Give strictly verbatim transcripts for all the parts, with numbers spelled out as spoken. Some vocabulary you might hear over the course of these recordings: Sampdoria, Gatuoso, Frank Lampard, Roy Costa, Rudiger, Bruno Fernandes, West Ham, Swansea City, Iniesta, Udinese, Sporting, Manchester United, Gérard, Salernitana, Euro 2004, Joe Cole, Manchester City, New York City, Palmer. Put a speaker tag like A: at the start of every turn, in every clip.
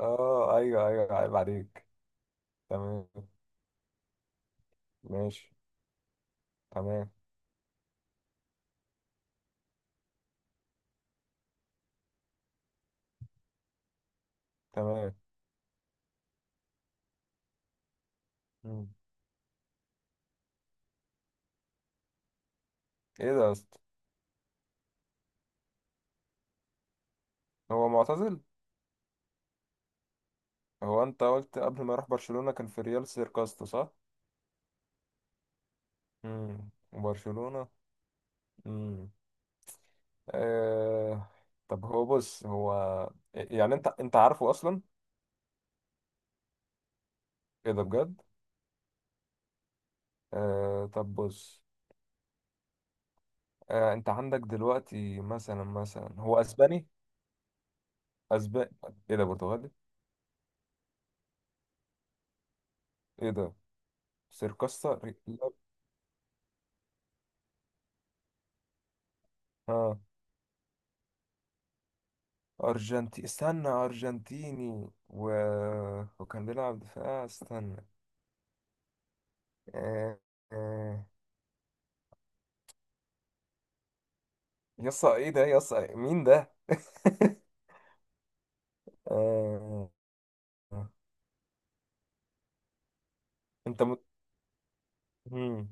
A: اه ايوه ايوه، عيب عليك. تمام. ماشي. تمام. تمام. مم. ايه ده يا اسطى؟ هو معتزل؟ هو انت قلت قبل ما يروح برشلونة كان في ريال سيركاستو، صح؟ امم وبرشلونة. امم آه... طب هو بص، هو يعني انت انت عارفه اصلا؟ ايه ده بجد؟ آه... طب بص. آه... انت عندك دلوقتي مثلا مثلا هو اسباني؟ اسباني؟ ايه ده برتغالي؟ ايه ده؟ سيركاستا. اه أرجنتي استنى، أرجنتيني و... وكان بيلعب دفاع، استنى. آه، آه، يسا ايه ده، يسا مين ده؟ آه، انت مت... مم.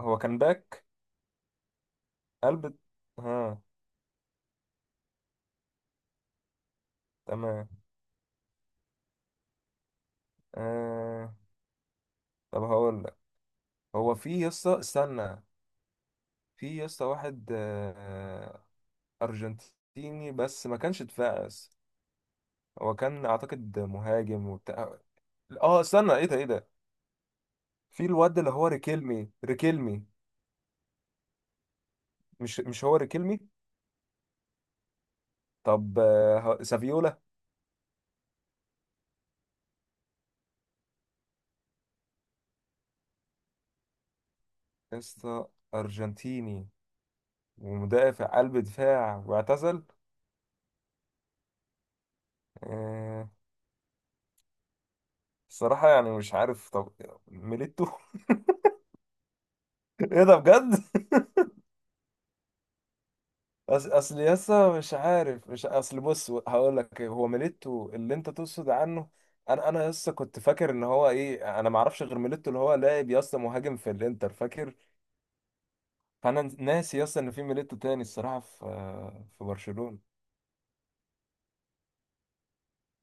A: هو كان باك؟ قلب. ها. تمام. آه... طب هقول لك، هو في يسا، استنى. في يسا واحد آه... أرجنتيني بس ما كانش دفاع يسا. هو كان أعتقد مهاجم وبتاع. اه استنى، ايه ده ايه ده؟ في الواد اللي هو ريكيلمي، ريكيلمي؟ مش مش هو ريكيلمي. طب آه، ه- سافيولا؟ اسطى، أرجنتيني ومدافع قلب دفاع واعتزل، آه، الصراحة يعني مش عارف. طب، ميليتو. ايه ده بجد؟ أص- اصل يسا مش عارف، مش اصل بص هقول لك إيه، هو ميليتو اللي انت تقصد عنه. انا انا يسا كنت فاكر ان هو ايه، انا ما اعرفش غير ميليتو اللي هو لاعب يسا مهاجم في الانتر، فاكر. فانا ناسي اصلا ان في ميليتو تاني الصراحه، في. في برشلونه.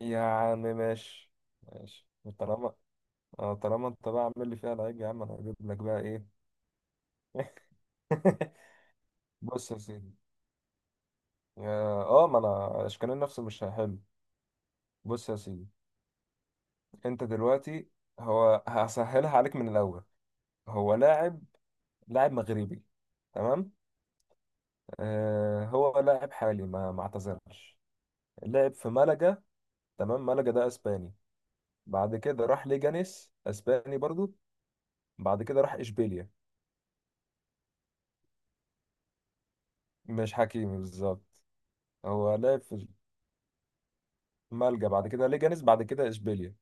A: يا عم ماشي. ماشي. طالما آه، طالما انت بقى عامل لي فيها لعيب يا عم، انا هجيب لك بقى ايه؟ بص يا سيدي. اه، آه، ما انا اشكال نفسه مش هحل. بص يا سيدي، انت دلوقتي، هو هسهلها عليك من الاول. هو لاعب، لاعب مغربي. تمام. آه، هو لاعب حالي ما ما اعتزلش. لعب في ملقا. تمام، ملقا ده اسباني. بعد كده راح ليجانيس، اسباني برضو. بعد كده راح اشبيليا. مش حكيمي بالظبط. هو لعب في مالجا، بعد كده ليجانيس، بعد كده اشبيليا.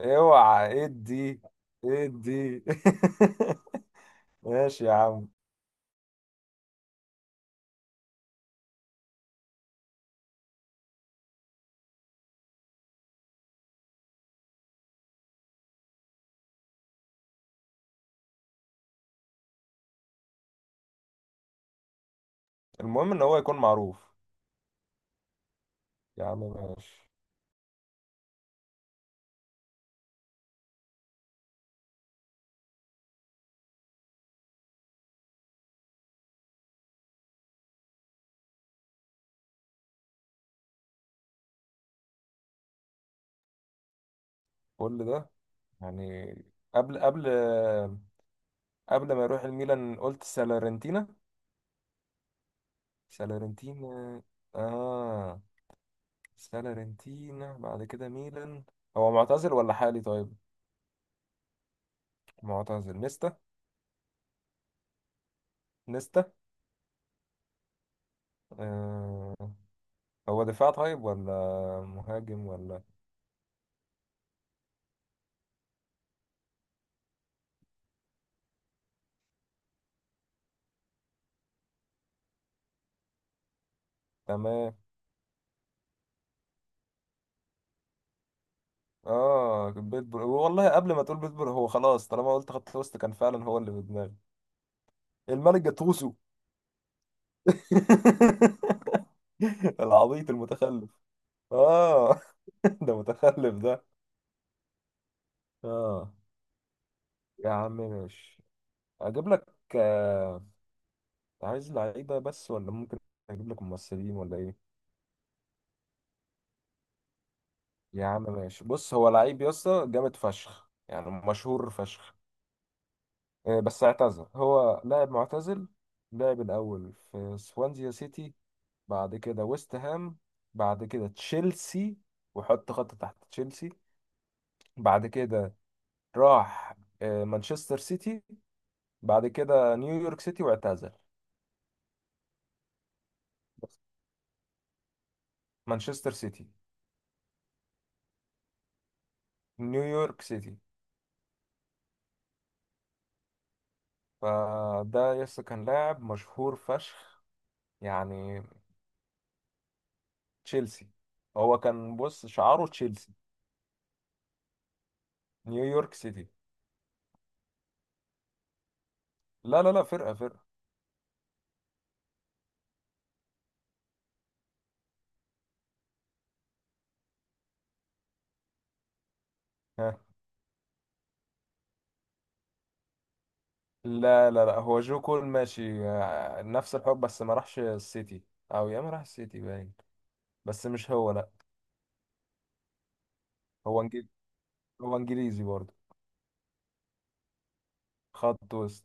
A: اوعى ادي، ادي. ماشي يا عم. المهم ان هو يكون معروف. يا عم ماشي. كل ده يعني قبل قبل قبل ما يروح الميلان قلت سالارنتينا. سالارنتينا. اه. سالارنتينا بعد كده ميلان. هو معتزل ولا حالي؟ طيب. معتزل، نيستا. نيستا. آه. هو دفاع طيب ولا مهاجم ولا؟ تمام. اه، بيتبول والله، قبل ما تقول بيتبول هو خلاص، طالما قلت خط وسط كان فعلا هو اللي في دماغي، الملك جاتوسو. العبيط المتخلف. اه. ده متخلف ده. اه. يا عم ماشي. اجيب لك، آه، عايز لعيبه بس ولا ممكن اجيب لك ممثلين ولا ايه؟ يا عم ماشي، بص هو لعيب يا اسطى جامد فشخ، يعني مشهور فشخ. آه، بس اعتزل، هو لاعب معتزل. لعب الأول في سوانزيا سيتي، بعد كده ويست هام، بعد كده تشيلسي، وحط خط تحت تشيلسي. بعد كده راح آه، مانشستر سيتي، بعد كده نيويورك سيتي واعتزل. بس. مانشستر سيتي. نيويورك سيتي. فده يس كان لاعب مشهور فشخ، يعني تشيلسي، هو كان بص شعاره تشيلسي. نيويورك سيتي. لا لا لا، فرقة فرقة. ها. لا لا لا، هو جو كول ماشي، آه، نفس الحب بس ما راحش السيتي، او يا ما راح السيتي باين، بس مش هو، لا. هو انجليزي. هو انجليزي برضه. خط وسط.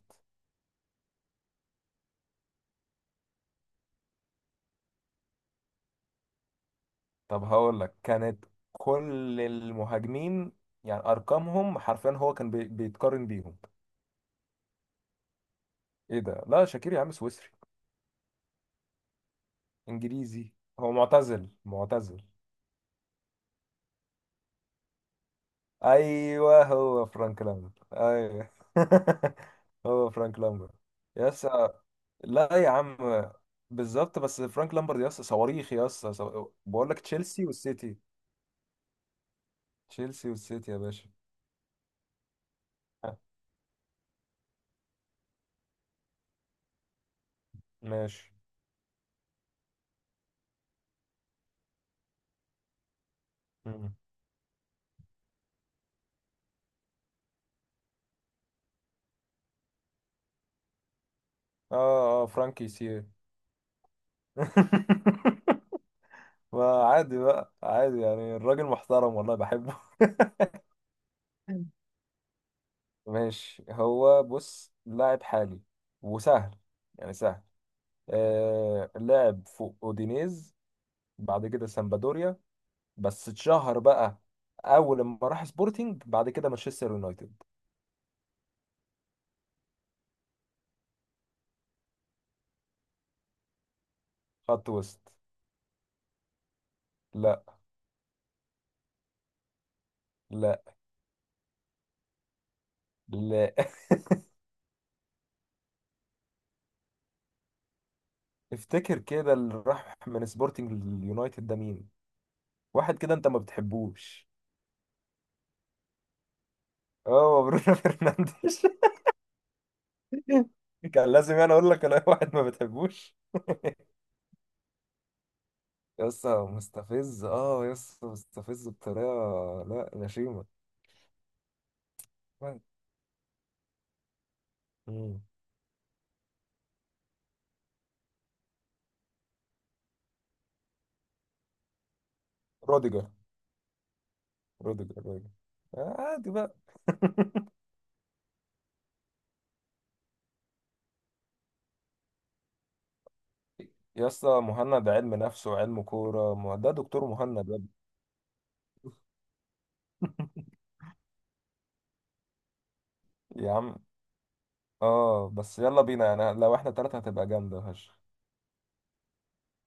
A: طب هقول لك، كانت كل المهاجمين يعني ارقامهم حرفيا هو كان بي- بيتقارن بيهم. ايه ده، لا شاكير يا عم سويسري. انجليزي. هو معتزل، معتزل. ايوه هو فرانك لامبرت، ايوه. هو فرانك لامبرت. يس. لا يا عم. بالظبط، بس فرانك لامبرت يس، صواريخ يس، صو... بقول لك تشيلسي والسيتي. تشيلسي والسيتي يا باشا. آه، ماشي. مم. اه اه فرانكي سي. ما عادي بقى، عادي يعني الراجل محترم والله بحبه. ماشي، هو بص لاعب حالي وسهل، يعني سهل. آه، لعب فوق اودينيز، بعد كده سامبادوريا، بس اتشهر بقى اول ما راح سبورتنج، بعد كده مانشستر يونايتد. خط وسط. لا. لا. لا. افتكر كده اللي راح من سبورتنج لليونايتد ده مين؟ واحد كده انت ما بتحبوش. اه، برونو فرنانديز. كان لازم انا اقول لك انا واحد ما بتحبوش. يس مستفز، اه يس مستفز بطريقه. لا، غشيمه. مم. روديجر. روديجر روديجر. آه، عادي بقى. يا اسطى مهند علم نفس وعلم كورة، مه- ده دكتور مهند يا ابني. يا عم، اه بس يلا بينا، يعني لو احنا تلاتة هتبقى جامدة هش.